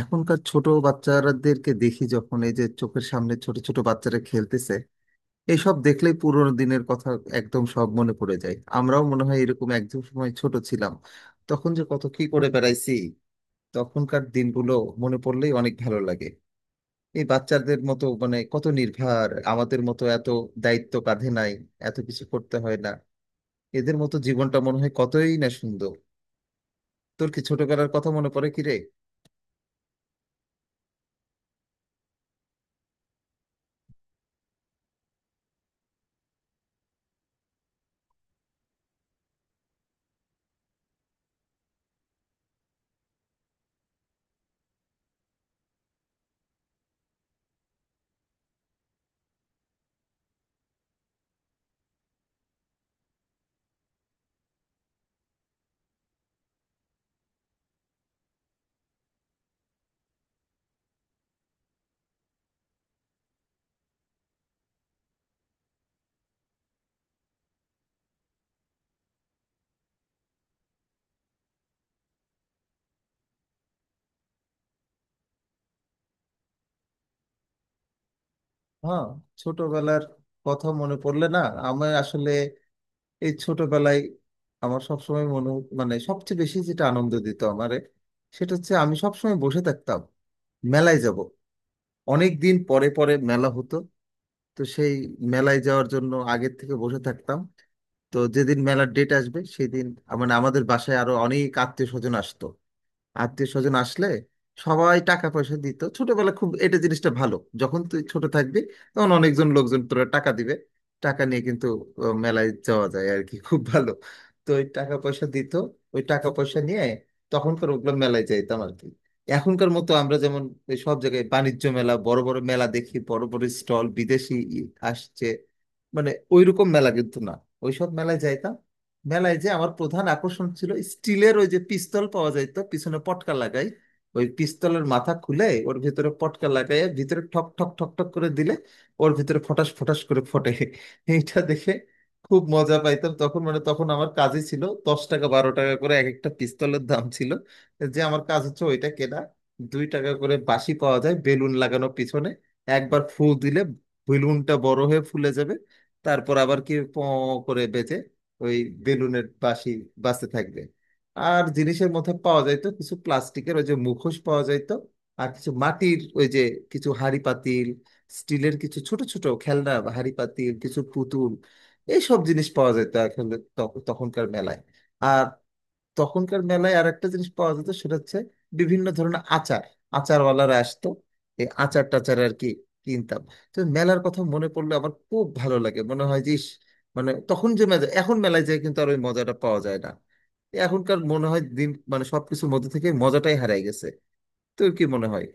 এখনকার ছোট বাচ্চাদেরকে দেখি যখন এই যে চোখের সামনে ছোট ছোট বাচ্চারা খেলতেছে, এইসব দেখলেই পুরোনো দিনের কথা একদম সব মনে পড়ে যায়। আমরাও মনে হয় এরকম একদম সময় ছোট ছিলাম, তখন যে কত কি করে বেড়াইছি। তখনকার দিনগুলো মনে পড়লেই অনেক ভালো লাগে। এই বাচ্চাদের মতো মানে কত নির্ভার, আমাদের মতো এত দায়িত্ব কাঁধে নাই, এত কিছু করতে হয় না। এদের মতো জীবনটা মনে হয় কতই না সুন্দর। তোর কি ছোটবেলার কথা মনে পড়ে কি রে? হ্যাঁ, ছোটবেলার কথা মনে পড়লে না, আমি আসলে এই ছোটবেলায় আমার সবসময় মনে, মানে সবচেয়ে বেশি যেটা আনন্দ দিত আমারে সেটা হচ্ছে আমি সবসময় বসে থাকতাম মেলায় যাব। অনেক দিন পরে পরে মেলা হতো, তো সেই মেলায় যাওয়ার জন্য আগের থেকে বসে থাকতাম। তো যেদিন মেলার ডেট আসবে সেদিন মানে আমাদের বাসায় আরো অনেক আত্মীয় স্বজন আসতো। আত্মীয় স্বজন আসলে সবাই টাকা পয়সা দিত, ছোটবেলা খুব এটা জিনিসটা ভালো, যখন তুই ছোট থাকবি তখন অনেকজন লোকজন তোরা টাকা দিবে, টাকা নিয়ে কিন্তু মেলায় যাওয়া যায় আর কি, খুব ভালো। তো ওই টাকা পয়সা দিত, ওই টাকা পয়সা নিয়ে তখনকার ওগুলো মেলায় যাইতাম আর কি। এখনকার মতো আমরা যেমন এই সব জায়গায় বাণিজ্য মেলা, বড় বড় মেলা দেখি, বড় বড় স্টল, বিদেশি ই আসছে, মানে ওইরকম মেলা কিন্তু না, ওইসব মেলায় যাইতাম। মেলায় যে আমার প্রধান আকর্ষণ ছিল স্টিলের ওই যে পিস্তল পাওয়া যায়, তো পিছনে পটকা লাগাই, ওই পিস্তলের মাথা খুলে ওর ভিতরে পটকা লাগাই, ভিতরে ঠক ঠক ঠক ঠক করে দিলে ওর ভিতরে ফটাস ফটাস করে ফটে। এইটা দেখে খুব মজা পাইতাম তখন, মানে তখন আমার কাজই ছিল, 10 টাকা 12 টাকা করে এক একটা পিস্তলের দাম ছিল, যে আমার কাজ হচ্ছে ওইটা কেনা। 2 টাকা করে বাঁশি পাওয়া যায়, বেলুন লাগানো পিছনে, একবার ফুল দিলে বেলুনটা বড় হয়ে ফুলে যাবে, তারপর আবার কি প করে বেজে, ওই বেলুনের বাঁশি বাঁচতে থাকবে। আর জিনিসের মধ্যে পাওয়া যাইতো কিছু প্লাস্টিকের ওই যে মুখোশ পাওয়া যাইতো, আর কিছু মাটির ওই যে কিছু হাঁড়ি পাতিল, স্টিলের কিছু ছোট ছোট খেলনা, হাঁড়ি পাতিল, কিছু পুতুল, এইসব জিনিস পাওয়া যেত আসলে তখনকার মেলায়। আর তখনকার মেলায় আর একটা জিনিস পাওয়া যেত, সেটা হচ্ছে বিভিন্ন ধরনের আচার। আচারওয়ালারা আসতো, এই আচার টাচার আর কি কিনতাম। তো মেলার কথা মনে পড়লে আমার খুব ভালো লাগে, মনে হয় যে ইস, মানে তখন যে মজা, এখন মেলায় যায় কিন্তু আর ওই মজাটা পাওয়া যায় না। এখনকার মনে হয় দিন, মানে সবকিছুর মধ্যে থেকে মজাটাই হারাই গেছে। তোর কি মনে হয়?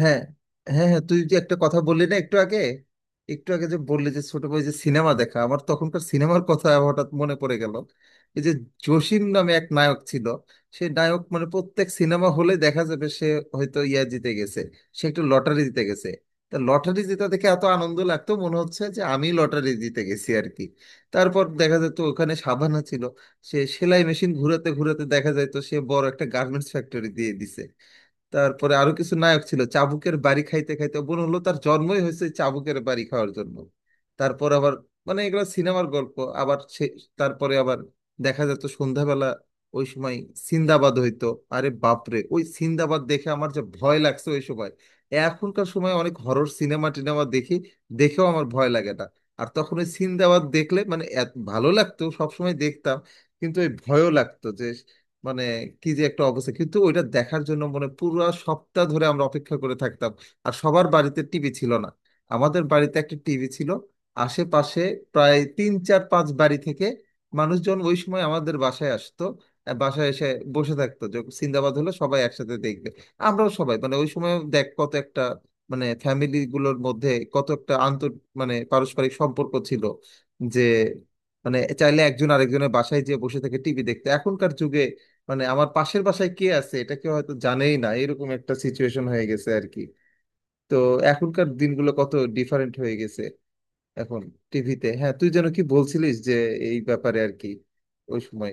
হ্যাঁ হ্যাঁ হ্যাঁ, তুই যে একটা কথা বললি না একটু আগে, একটু আগে যে বললি যে ছোট ভাই যে সিনেমা দেখা, আমার তখনকার সিনেমার কথা হঠাৎ মনে পড়ে গেল। এই যে জসিম নামে এক নায়ক ছিল, সে নায়ক মানে প্রত্যেক সিনেমা হলে দেখা যাবে সে হয়তো ইয়া জিতে গেছে, সে একটু লটারি জিতে গেছে। তা লটারি জেতা দেখে এত আনন্দ লাগতো, মনে হচ্ছে যে আমি লটারি জিতে গেছি আর কি। তারপর দেখা যেত ওখানে সাবানা ছিল, সে সেলাই মেশিন ঘুরাতে ঘুরাতে দেখা যেত সে বড় একটা গার্মেন্টস ফ্যাক্টরি দিয়ে দিছে। তারপরে আরো কিছু নায়ক ছিল, চাবুকের বাড়ি খাইতে খাইতে মনে হলো তার জন্মই হয়েছে চাবুকের বাড়ি খাওয়ার জন্য। তারপর আবার, মানে এগুলো সিনেমার গল্প। আবার সে তারপরে আবার দেখা যেত সন্ধ্যাবেলা, ওই সময় সিন্দাবাদ হইতো। আরে বাপরে, ওই সিন্দাবাদ দেখে আমার যে ভয় লাগছে ওই সময়! এখনকার সময় অনেক হরর সিনেমা টিনেমা দেখি, দেখেও আমার ভয় লাগে না, আর তখন ওই সিন্দাবাদ দেখলে, মানে এত ভালো লাগতো সবসময় দেখতাম, কিন্তু ওই ভয়ও লাগতো যে, মানে কি যে একটা অবস্থা। কিন্তু ওইটা দেখার জন্য মানে পুরো সপ্তাহ ধরে আমরা অপেক্ষা করে থাকতাম। আর সবার বাড়িতে টিভি ছিল না, আমাদের বাড়িতে একটা টিভি ছিল। আশেপাশে প্রায় তিন চার পাঁচ বাড়ি থেকে মানুষজন ওই সময় আমাদের বাসায় আসতো, আর বাসায় এসে বসে থাকতো যে সিন্দাবাদ হলে সবাই একসাথে দেখবে। আমরাও সবাই, মানে ওই সময় দেখ কত একটা, মানে ফ্যামিলি গুলোর মধ্যে কত একটা আন্তর, মানে পারস্পরিক সম্পর্ক ছিল, যে মানে চাইলে একজন আরেকজনের বাসায় যেয়ে বসে থেকে টিভি দেখতো। এখনকার যুগে মানে আমার পাশের বাসায় কে আছে এটা কেউ হয়তো জানেই না, এরকম একটা সিচুয়েশন হয়ে গেছে আর কি। তো এখনকার দিনগুলো কত ডিফারেন্ট হয়ে গেছে, এখন টিভিতে, হ্যাঁ তুই যেন কি বলছিলিস যে এই ব্যাপারে আর কি ওই সময়?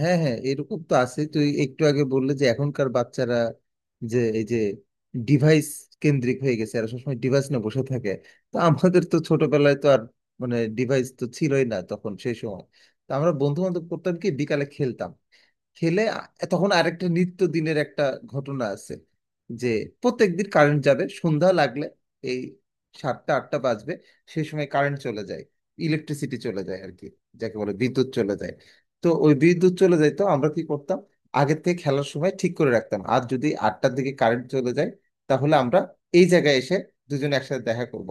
হ্যাঁ হ্যাঁ এরকম তো আছে। তুই একটু আগে বললে যে এখনকার বাচ্চারা যে এই যে ডিভাইস কেন্দ্রিক হয়ে গেছে, আর সবসময় ডিভাইস নিয়ে বসে থাকে, তো আমাদের তো ছোটবেলায় তো আর, মানে ডিভাইস তো ছিলই না তখন সেই সময়। তো আমরা বন্ধু বান্ধব করতাম কি বিকালে খেলতাম, খেলে আ-, তখন আরেকটা নিত্য দিনের একটা ঘটনা আছে, যে প্রত্যেকদিন কারেন্ট যাবে সন্ধ্যা লাগলে, এই সাতটা আটটা বাজবে সেই সময় কারেন্ট চলে যায়, ইলেকট্রিসিটি চলে যায় আর কি, যাকে বলে বিদ্যুৎ চলে যায়। তো ওই বিদ্যুৎ চলে যাইতো, আমরা কি করতাম, আগের থেকে খেলার সময় ঠিক করে রাখতাম, আর যদি আটটার দিকে কারেন্ট চলে যায় তাহলে আমরা এই জায়গায় এসে দুজনে একসাথে দেখা করব।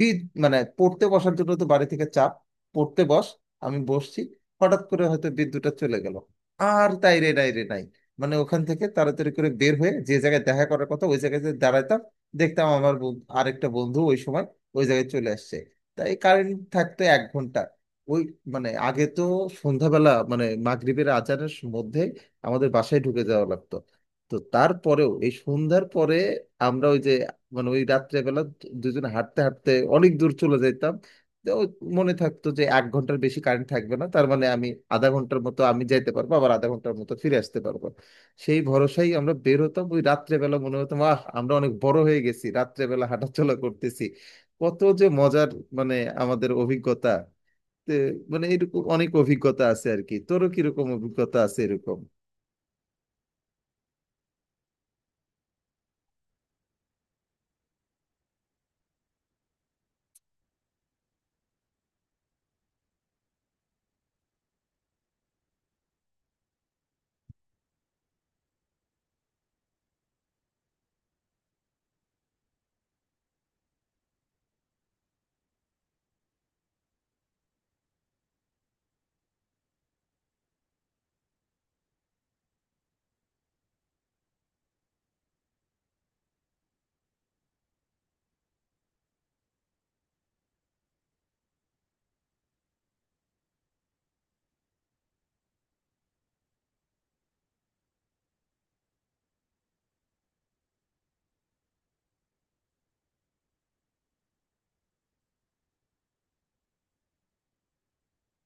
বিদ, মানে পড়তে বসার জন্য তো বাড়ি থেকে চাপ, পড়তে বস, আমি বসছি, হঠাৎ করে হয়তো বিদ্যুৎটা চলে গেল, আর তাই রে নাই রে নাই, মানে ওখান থেকে তাড়াতাড়ি করে বের হয়ে যে জায়গায় দেখা করার কথা ওই জায়গায় যে দাঁড়াতাম, দেখতাম আমার আরেকটা বন্ধু ওই সময় ওই জায়গায় চলে আসছে। তাই কারেন্ট থাকতো 1 ঘন্টা, ওই মানে আগে তো সন্ধ্যাবেলা মানে মাগরিবের আজানের মধ্যে আমাদের বাসায় ঢুকে যাওয়া লাগতো। তো তারপরেও এই সন্ধ্যার পরে আমরা ওই যে মানে ওই রাত্রেবেলা দুজনে হাঁটতে হাঁটতে অনেক দূর চলে যেতাম। তো ওই মনে থাকতো যে 1 ঘন্টার বেশি কারেন্ট থাকবে না, তার মানে আমি আধা ঘন্টার মতো আমি যাইতে পারবো, আবার আধা ঘন্টার মতো ফিরে আসতে পারবো। সেই ভরসায় আমরা বের হতাম ওই রাত্রেবেলা, মনে হতো আহ আমরা অনেক বড় হয়ে গেছি, রাত্রেবেলা হাঁটাচলা করতেছি, কত যে মজার, মানে আমাদের অভিজ্ঞতা তে, মানে এরকম অনেক অভিজ্ঞতা আছে আর কি। তোরও কিরকম অভিজ্ঞতা আছে এরকম?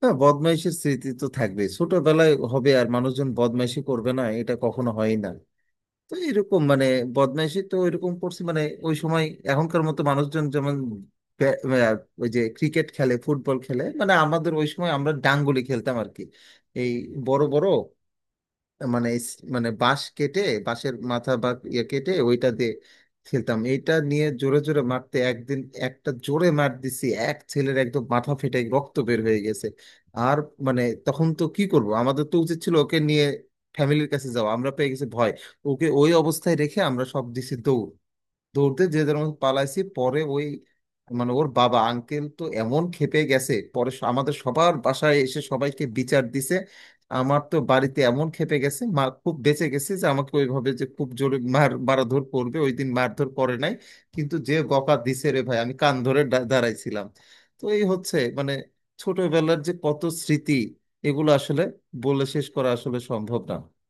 হ্যাঁ, বদমাইশের স্মৃতি তো থাকবে, ছোটবেলায় হবে আর মানুষজন বদমাইশি করবে না এটা কখনো হয় না। তো এরকম মানে বদমাইশি তো এরকম করছি মানে ওই সময়, এখনকার মতো মানুষজন যেমন ব্য- আহ, ওই যে ক্রিকেট খেলে ফুটবল খেলে, মানে আমাদের ওই সময় আমরা ডাঙ্গুলি খেলতাম আর কি। এই বড় বড়, মানে এই স-, মানে বাঁশ কেটে বাঁশের মাথা বা ইয়ে কেটে ওইটা দিয়ে খেলতাম, এইটা নিয়ে জোরে জোরে মারতে একদিন একটা জোরে মার দিছি এক ছেলের, একদম মাথা ফেটে রক্ত বের হয়ে গেছে। আর মানে তখন তো কি করব, আমাদের তো উচিত ছিল ওকে নিয়ে ফ্যামিলির কাছে যাওয়া, আমরা পেয়ে গেছি ভয়, ওকে ওই অবস্থায় রেখে আমরা সব দিছি দৌড়। দৌড়তে যে যেমন পালাইছি, পরে ওই মানে ওর বাবা আঙ্কেল তো এমন খেপে গেছে, পরে আমাদের সবার বাসায় এসে সবাইকে বিচার দিছে। আমার তো বাড়িতে এমন খেপে গেছে মা, খুব বেঁচে গেছে যে আমাকে ওইভাবে যে খুব জোরে মার মারাধর করবে, ওই দিন মারধর করে নাই, কিন্তু যে বকা দিছে রে ভাই, আমি কান ধরে দাঁড়াইছিলাম। তো এই হচ্ছে মানে ছোটবেলার যে কত স্মৃতি, এগুলো আসলে বলে শেষ করা আসলে সম্ভব না।